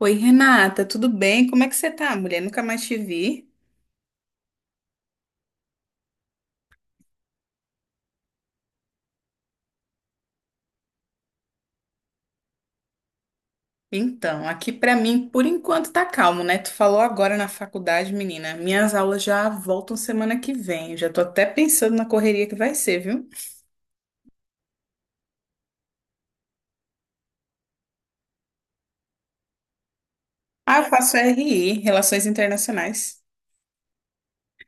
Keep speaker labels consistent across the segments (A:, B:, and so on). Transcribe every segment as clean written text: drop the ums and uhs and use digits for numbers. A: Oi, Renata, tudo bem? Como é que você tá, mulher? Nunca mais te vi. Então, aqui pra mim, por enquanto tá calmo, né? Tu falou agora na faculdade, menina. Minhas aulas já voltam semana que vem. Já tô até pensando na correria que vai ser, viu? Ah, eu faço RI, Relações Internacionais.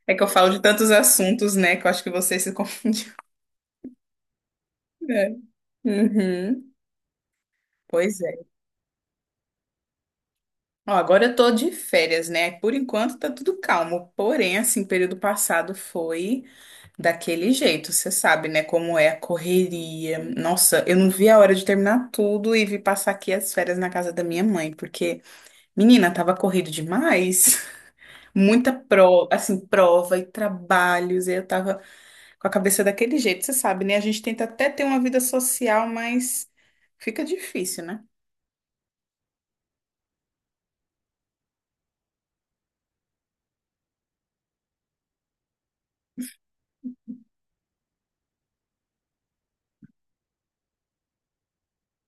A: É que eu falo de tantos assuntos, né? Que eu acho que você se confundiu. É. Uhum. Pois é. Ó, agora eu tô de férias, né? Por enquanto tá tudo calmo. Porém, assim, período passado foi daquele jeito, você sabe, né? Como é a correria. Nossa, eu não vi a hora de terminar tudo e vi passar aqui as férias na casa da minha mãe, porque, menina, tava corrido demais. Muita prova, assim, prova e trabalhos. E eu tava com a cabeça daquele jeito, você sabe, né? A gente tenta até ter uma vida social, mas fica difícil, né?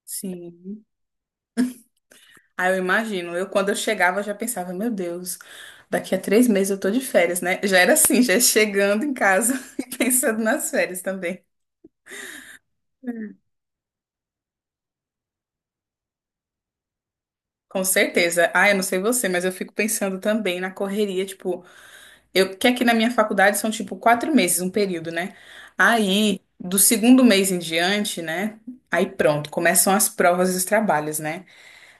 A: Sim. Ah, eu imagino. Eu, quando eu chegava, já pensava, meu Deus, daqui a 3 meses eu tô de férias, né? Já era assim, já chegando em casa e pensando nas férias também. Com certeza. Ah, eu não sei você, mas eu fico pensando também na correria, tipo, eu que aqui na minha faculdade são tipo 4 meses, um período, né? Aí, do segundo mês em diante, né? Aí pronto, começam as provas e os trabalhos, né?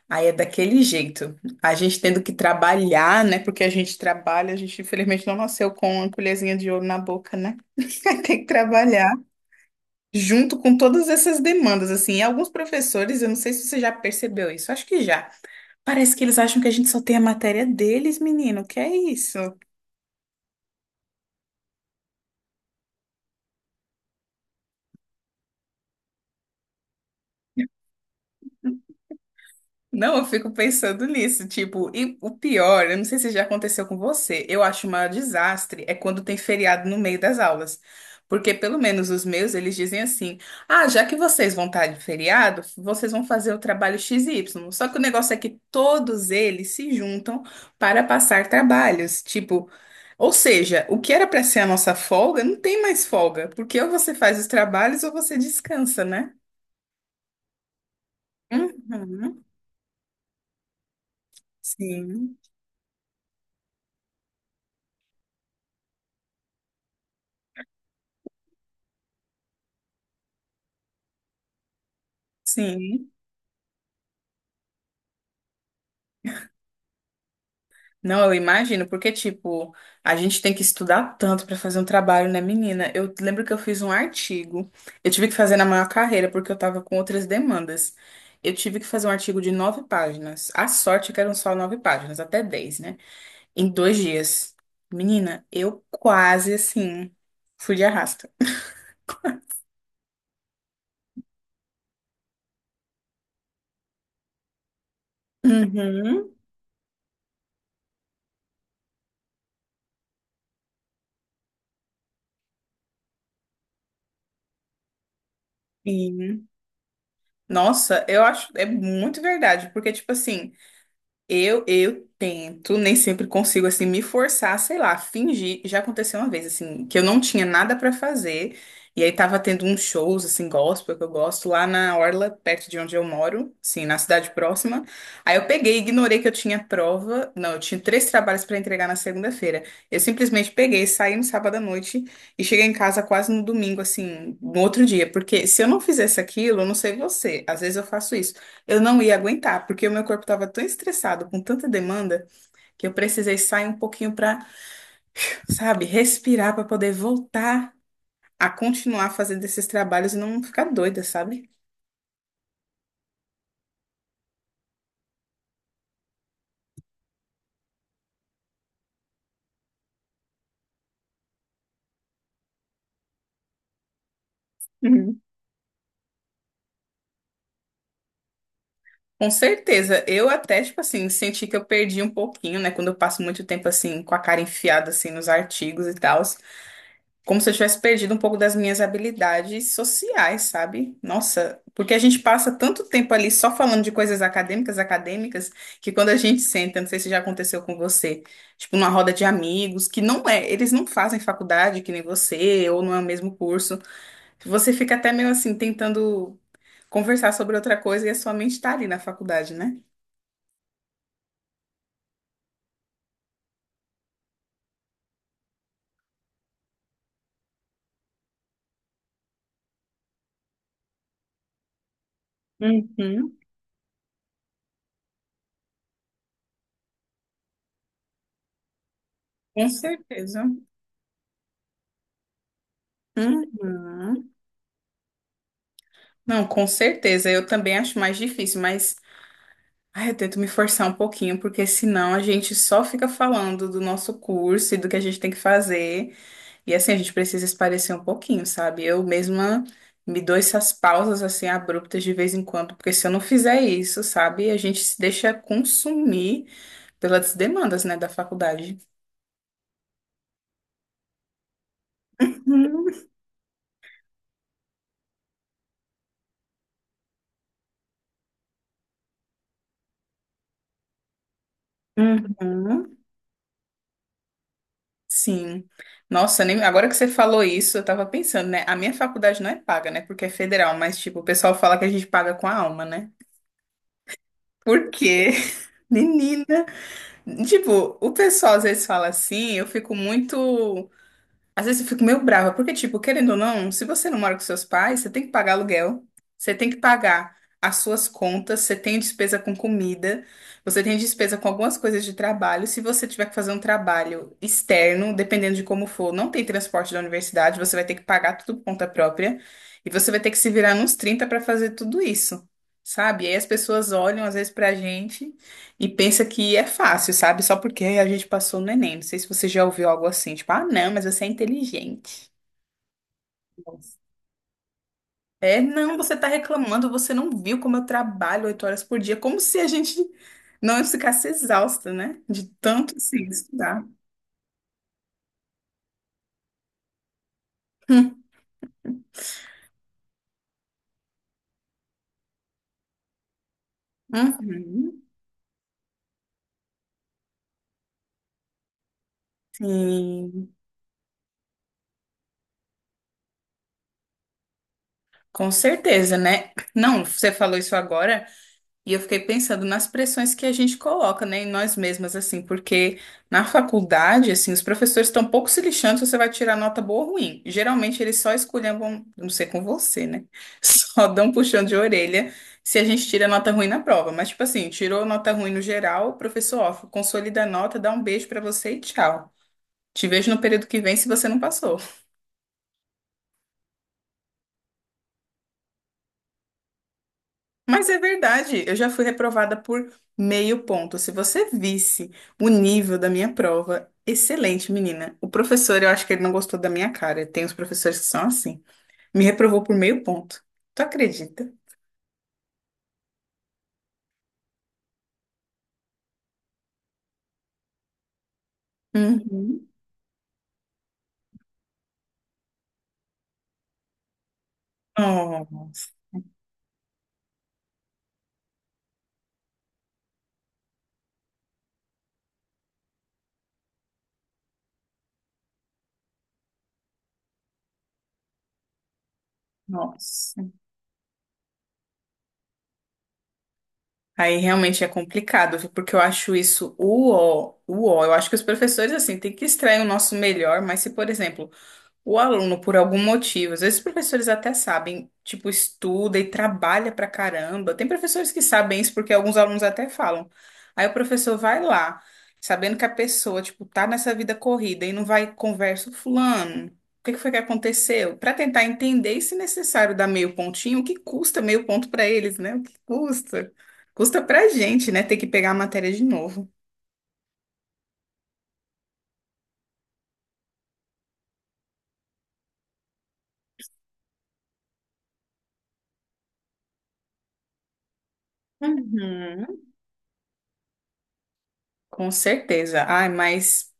A: Aí é daquele jeito. A gente tendo que trabalhar, né? Porque a gente trabalha, a gente infelizmente não nasceu com uma colherzinha de ouro na boca, né? Aí tem que trabalhar junto com todas essas demandas, assim. E alguns professores, eu não sei se você já percebeu isso, acho que já. Parece que eles acham que a gente só tem a matéria deles, menino. Que é isso? Não, eu fico pensando nisso, tipo, e o pior, eu não sei se já aconteceu com você, eu acho o maior desastre é quando tem feriado no meio das aulas. Porque pelo menos os meus, eles dizem assim: "Ah, já que vocês vão estar de feriado, vocês vão fazer o trabalho X Y". Só que o negócio é que todos eles se juntam para passar trabalhos, tipo, ou seja, o que era para ser a nossa folga, não tem mais folga, porque ou você faz os trabalhos ou você descansa, né? Uhum, sim, sim. Não, eu imagino, porque, tipo, a gente tem que estudar tanto para fazer um trabalho, né, menina? Eu lembro que eu fiz um artigo, eu tive que fazer na maior carreira, porque eu tava com outras demandas. Eu tive que fazer um artigo de nove páginas. A sorte é que eram só nove páginas, até dez, né? Em 2 dias. Menina, eu quase, assim, fui de arrasto. Uhum. Sim. Nossa, eu acho, é muito verdade, porque, tipo assim, eu tento, nem sempre consigo assim me forçar, sei lá, fingir. Já aconteceu uma vez assim, que eu não tinha nada pra fazer, e aí tava tendo uns shows assim gospel que eu gosto lá na orla perto de onde eu moro, assim na cidade próxima. Aí eu peguei e ignorei que eu tinha prova. Não, eu tinha três trabalhos pra entregar na segunda-feira. Eu simplesmente peguei, saí no sábado à noite e cheguei em casa quase no domingo assim, no outro dia, porque se eu não fizesse aquilo, eu não sei você, às vezes eu faço isso. Eu não ia aguentar, porque o meu corpo estava tão estressado com tanta demanda que eu precisei sair um pouquinho para, sabe, respirar para poder voltar a continuar fazendo esses trabalhos e não ficar doida, sabe? Uhum. Com certeza, eu até, tipo assim, senti que eu perdi um pouquinho, né? Quando eu passo muito tempo, assim, com a cara enfiada, assim, nos artigos e tal, como se eu tivesse perdido um pouco das minhas habilidades sociais, sabe? Nossa, porque a gente passa tanto tempo ali só falando de coisas acadêmicas, acadêmicas, que quando a gente senta, não sei se já aconteceu com você, tipo numa roda de amigos, que não é, eles não fazem faculdade que nem você, ou não é o mesmo curso. Você fica até meio assim tentando conversar sobre outra coisa e a sua mente tá ali na faculdade, né? Uhum. Com certeza. Uhum. Não, com certeza. Eu também acho mais difícil, mas ah, eu tento me forçar um pouquinho, porque senão a gente só fica falando do nosso curso e do que a gente tem que fazer. E assim, a gente precisa esparecer um pouquinho, sabe? Eu mesma me dou essas pausas assim abruptas de vez em quando, porque se eu não fizer isso, sabe, a gente se deixa consumir pelas demandas, né, da faculdade. Uhum. Uhum, sim. Nossa, nem- agora que você falou isso, eu tava pensando, né? A minha faculdade não é paga, né? Porque é federal, mas tipo, o pessoal fala que a gente paga com a alma, né? Por quê? Menina, tipo, o pessoal às vezes fala assim, eu fico muito, às vezes eu fico meio brava, porque tipo, querendo ou não, se você não mora com seus pais, você tem que pagar aluguel, você tem que pagar as suas contas, você tem despesa com comida, você tem despesa com algumas coisas de trabalho, se você tiver que fazer um trabalho externo, dependendo de como for, não tem transporte da universidade, você vai ter que pagar tudo por conta própria, e você vai ter que se virar nos 30 para fazer tudo isso, sabe? E aí as pessoas olham às vezes pra gente e pensa que é fácil, sabe? Só porque a gente passou no Enem. Não sei se você já ouviu algo assim, tipo, ah, não, mas você é inteligente. Nossa. É, não, você tá reclamando, você não viu como eu trabalho 8 horas por dia, como se a gente não ficasse exausta, né? De tanto assim, estudar. Hum. Uhum. Sim, com certeza, né? Não, você falou isso agora. E eu fiquei pensando nas pressões que a gente coloca, né, em nós mesmas, assim, porque na faculdade, assim, os professores estão pouco se lixando se você vai tirar nota boa ou ruim. Geralmente eles só esculhambam, não sei com você, né? Só dão um puxão de orelha se a gente tira nota ruim na prova. Mas, tipo assim, tirou nota ruim no geral, professor, ó, consolida a nota, dá um beijo pra você e tchau. Te vejo no período que vem se você não passou. Mas é verdade, eu já fui reprovada por meio ponto. Se você visse o nível da minha prova, excelente, menina. O professor, eu acho que ele não gostou da minha cara. Tem uns professores que são assim. Me reprovou por meio ponto. Tu acredita? Uhum. Nossa, nossa. Aí realmente é complicado, viu? Porque eu acho isso o ó, o ó. Eu acho que os professores, assim, têm que extrair o nosso melhor, mas se, por exemplo, o aluno, por algum motivo, às vezes os professores até sabem, tipo, estuda e trabalha pra caramba. Tem professores que sabem isso porque alguns alunos até falam. Aí o professor vai lá, sabendo que a pessoa, tipo, tá nessa vida corrida e não vai conversa, fulano, o que que foi que aconteceu? Pra tentar entender e, se necessário, dar meio pontinho, o que custa meio ponto pra eles, né? O que custa? Custa pra gente, né? Ter que pegar a matéria de novo. Uhum. Com certeza. Ai, mas,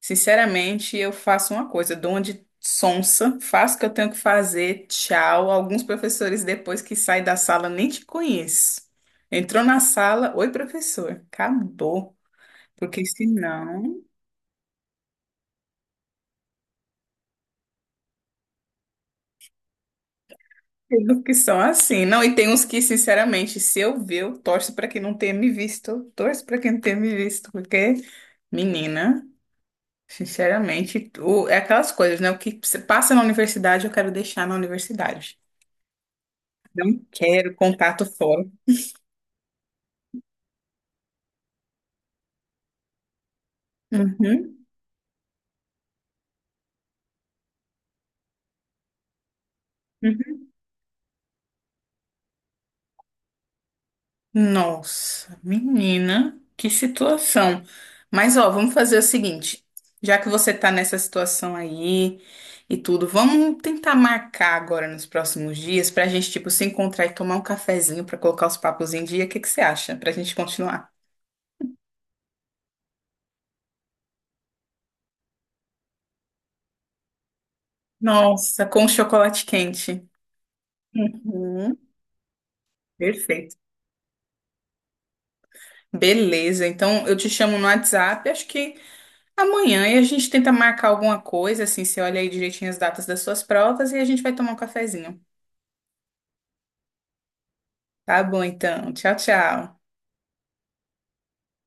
A: sinceramente, eu faço uma coisa, dou uma de sonsa, faço o que eu tenho que fazer, tchau. Alguns professores, depois que saem da sala, nem te conheço. Entrou na sala, oi, professor, acabou. Porque senão, tem uns que são assim. Não, e tem uns que, sinceramente, se eu ver, eu torço para quem não tenha me visto. Eu torço para quem não tenha me visto, porque, menina, sinceramente, o- é aquelas coisas, né? O que você passa na universidade, eu quero deixar na universidade. Não quero contato fora. Uhum, uhum. Nossa, menina, que situação. Mas ó, vamos fazer o seguinte, já que você tá nessa situação aí e tudo, vamos tentar marcar agora nos próximos dias pra gente tipo se encontrar e tomar um cafezinho pra colocar os papos em dia. O que que você acha? Pra gente continuar. Nossa, com chocolate quente. Uhum, perfeito. Beleza, então eu te chamo no WhatsApp, acho que amanhã, e a gente tenta marcar alguma coisa, assim, você olha aí direitinho as datas das suas provas e a gente vai tomar um cafezinho. Tá bom, então. Tchau, tchau.